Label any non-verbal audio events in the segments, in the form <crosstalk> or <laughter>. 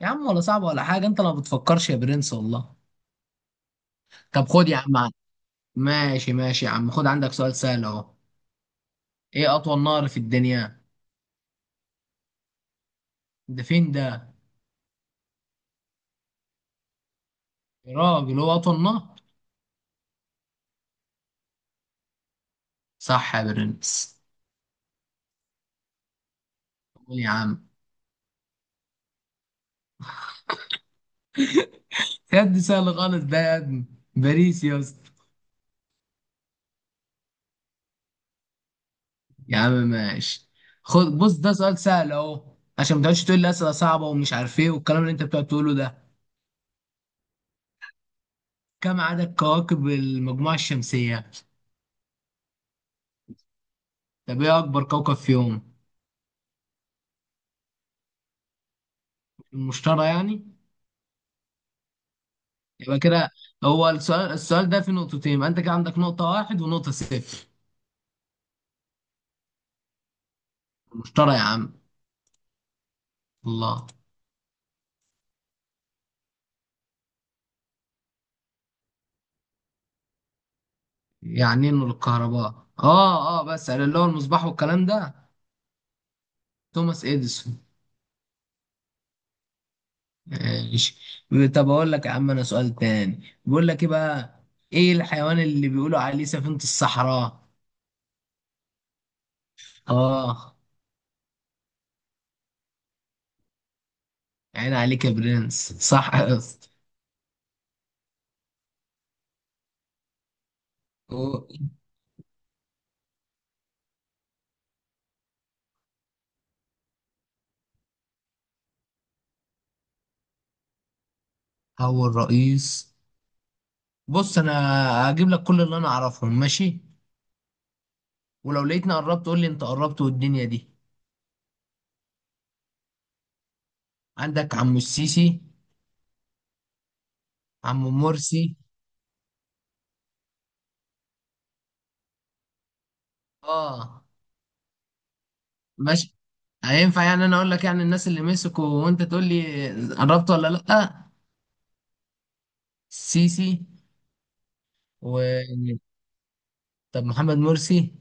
يا عم ولا صعب ولا حاجة، انت ما بتفكرش يا برنس والله. طب خد يا عم ماشي ماشي يا عم، خد عندك سؤال سهل اهو. ايه اطول نهر في الدنيا؟ ده فين ده؟ يا راجل، هو اطول نهر؟ صح يا برنس. قول يا عم. يا دي سهل خالص ده يا ابني. باريس يا اسطى. يا عم ماشي. خد بص، ده سؤال سهل اهو. عشان ما تقعدش تقول لي اسئله صعبه ومش عارف ايه والكلام اللي انت بتقعد تقوله ده. كم عدد كواكب المجموعه الشمسيه؟ طب ايه اكبر كوكب فيهم؟ المشتري يعني. يبقى كده. هو السؤال ده في نقطتين، يبقى انت كده عندك نقطة واحد ونقطة صفر. مشترى يا عم. الله. يعني ايه نور الكهرباء؟ اه بس على اللي هو المصباح والكلام ده. توماس اديسون. ماشي. طب اقول لك يا عم، انا سؤال تاني بيقول لك ايه بقى. ايه الحيوان اللي بيقولوا عليه سفينة الصحراء؟ اه. عين عليك يا برنس، صح يا اسطى. هو الرئيس. بص انا هجيب لك كل اللي انا اعرفهم ماشي، ولو لقيتني قربت قول لي انت قربت والدنيا دي. عندك عمو السيسي. عمو مرسي. اه. ماشي. هينفع يعني انا اقول لك يعني الناس اللي مسكوا وانت تقول لي قربت ولا لا. السيسي. و طب محمد مرسي.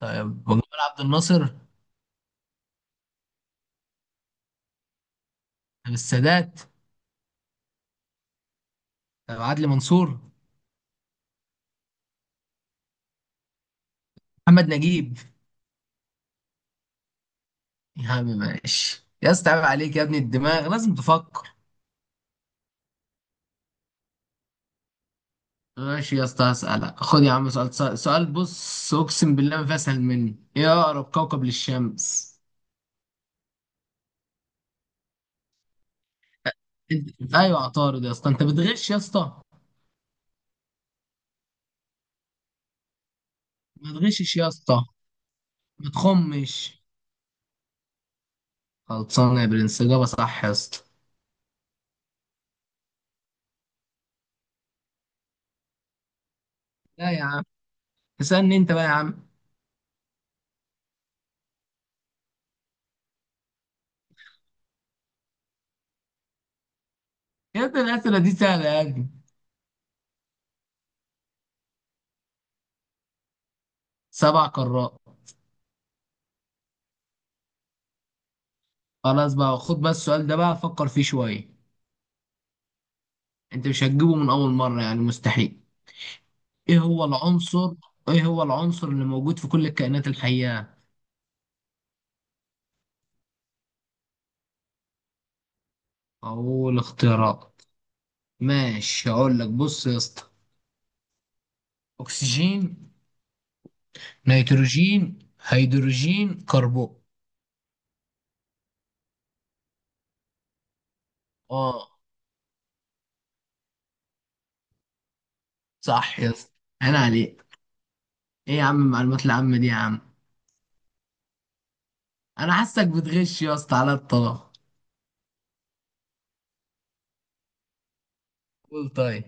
طب جمال عبد الناصر. طب السادات. طب عدلي منصور. محمد نجيب. يا عم ماشي يا اسطى، عيب عليك يا ابني، الدماغ لازم تفكر. ماشي يا اسطى هسألك. خد يا عم سؤال، بص، اقسم بالله ما في اسهل منه. ايه اقرب كوكب للشمس؟ انت ايوه عطارد يا اسطى، انت بتغش يا اسطى. ما تغشش يا اسطى، ما تخمش. خلصانه يا برنس، اجابه صح يا اسطى. لا يا عم، اسالني انت بقى يا عم. يا ابني الاسئله دي سهله يا ابني. 7 قارات. خلاص بقى، خد بس السؤال ده بقى فكر فيه شويه. انت مش هتجيبه من اول مره يعني، مستحيل. ايه هو العنصر ايه هو العنصر اللي موجود في كل الكائنات الحيه؟ أقول اختيارات. ماشي هقول لك، بص يا اسطى. أكسجين، نيتروجين، هيدروجين، كربون. اه. صح يا اسطى. أنا عليك. إيه يا عم المعلومات العامة دي يا عم. أنا حاسك بتغش يا اسطى على الطلاق. قول طيب.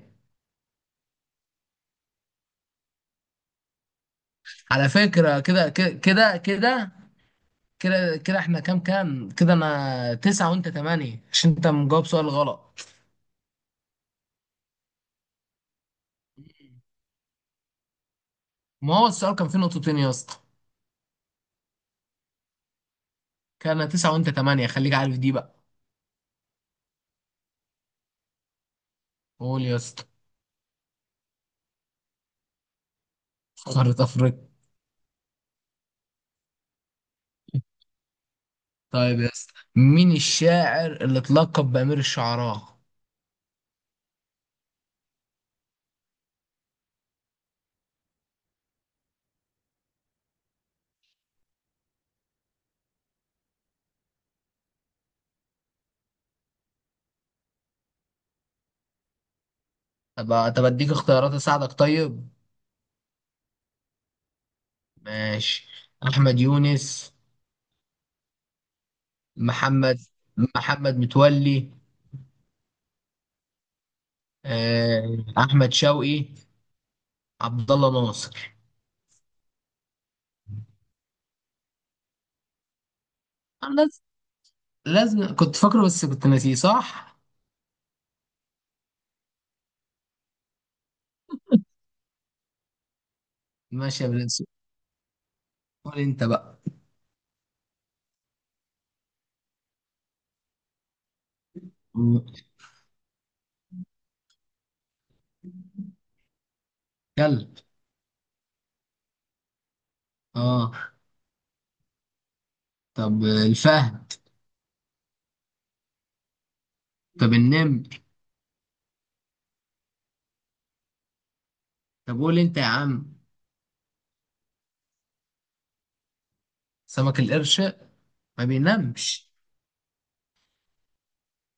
على فكرة كده كده كده كده، كده كده احنا كام كام، كده أنا 9-8 عشان أنت مجاوب سؤال غلط. ما هو السؤال كان فيه نقطتين يا اسطى. كان أنا 9-8، خليك عارف دي بقى. قول يا اسطى. قارة أفريقيا. طيب يا اسطى، مين الشاعر اللي اتلقب بأمير الشعراء؟ طب طب اديك اختيارات اساعدك طيب. ماشي. احمد يونس. محمد محمد متولي. احمد شوقي. عبد الله ناصر. أنا لاز- لازم كنت فاكره بس كنت ناسيه، صح. ماشي يا برنس، قول انت بقى. كلب. اه. طب الفهد. طب النمر. طب قول انت يا عم. سمك القرش. ما بينامش.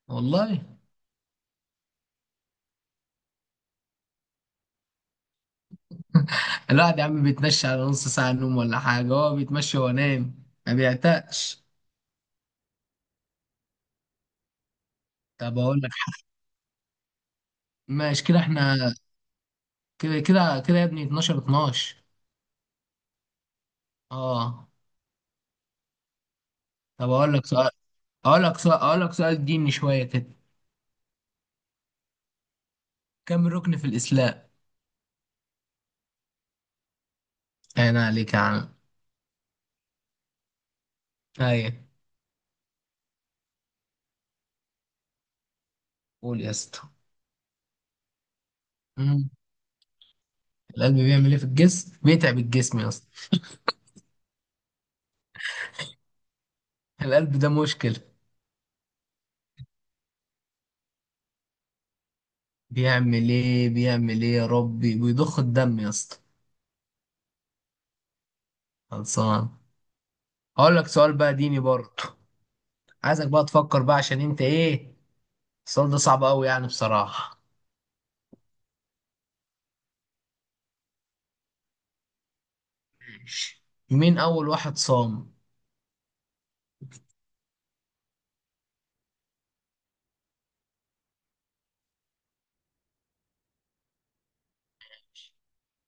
والله. الواحد يا عم بيتمشى على نص ساعة نوم ولا حاجة، هو بيتمشى وينام ما بيعتقش. طب أقول لك حاجة. ماشي كده احنا، كده كده كده يا ابني 12-12. اه. طب أقول لك سؤال ديني شوية كده. كم ركن في الإسلام؟ أنا عليك يا عم. أيوة. قول يا اسطى. مم. القلب بيعمل إيه في الجسم؟ بيتعب الجسم يا اسطى. القلب ده مشكلة. بيعمل إيه يا ربي، بيضخ الدم يا اسطى. خلصان. أقول لك سؤال بقى ديني برضه. عايزك بقى تفكر بقى عشان انت ايه، السؤال ده صعب قوي يعني بصراحة. مين أول واحد صام؟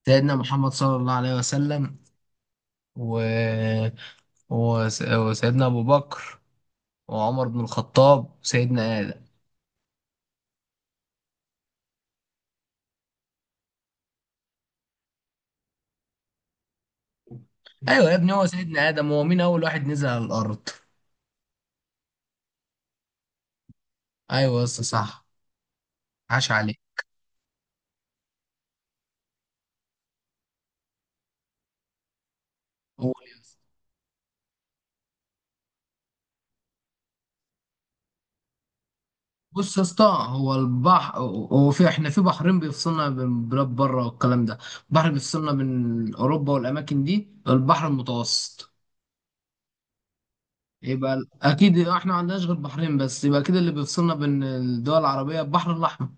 سيدنا محمد صلى الله عليه وسلم و... وسيدنا أبو بكر وعمر بن الخطاب وسيدنا آدم. أيوة يا ابني هو سيدنا آدم، هو مين أول واحد نزل على الأرض؟ أيوة يا اسطى صح. عاش عليك. قول يا اسطى. بص يا اسطى، هو البحر هو في احنا في بحرين بيفصلنا بين بلاد بره والكلام ده. بحر بيفصلنا بين أوروبا والأماكن دي، البحر المتوسط. يبقى اكيد احنا ما عندناش غير بحرين بس، يبقى كده اللي بيفصلنا بين الدول العربيه البحر الاحمر.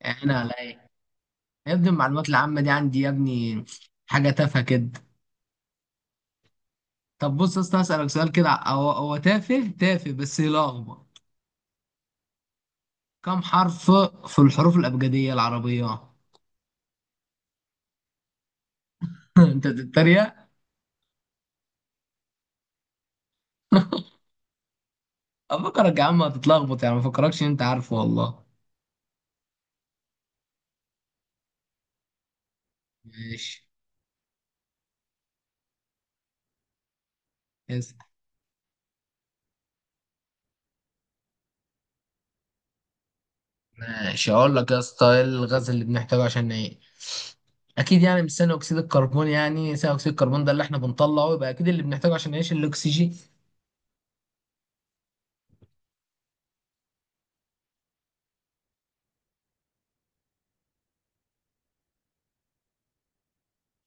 يعني على ايه؟ يا ابني المعلومات العامه دي عندي يا ابني، حاجه تافهه كده. طب بص يا اسطى، اسالك سؤال كده هو تافه تافه بس يلخبط. كم حرف في الحروف الابجديه العربيه؟ <laughs> انت بتتريق. افكرك يا عم هتتلخبط يعني، ما فكركش انت عارفه والله. ماشي. اسأل. ماشي هقول لك يا اسطى، ايه الغاز اللي بنحتاجه عشان نعيش. اكيد يعني مش ثاني اكسيد الكربون، يعني ثاني اكسيد الكربون ده اللي احنا بنطلعه، يبقى اكيد اللي بنحتاجه عشان نعيش الاكسجين.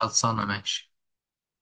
خلصانه ماشي.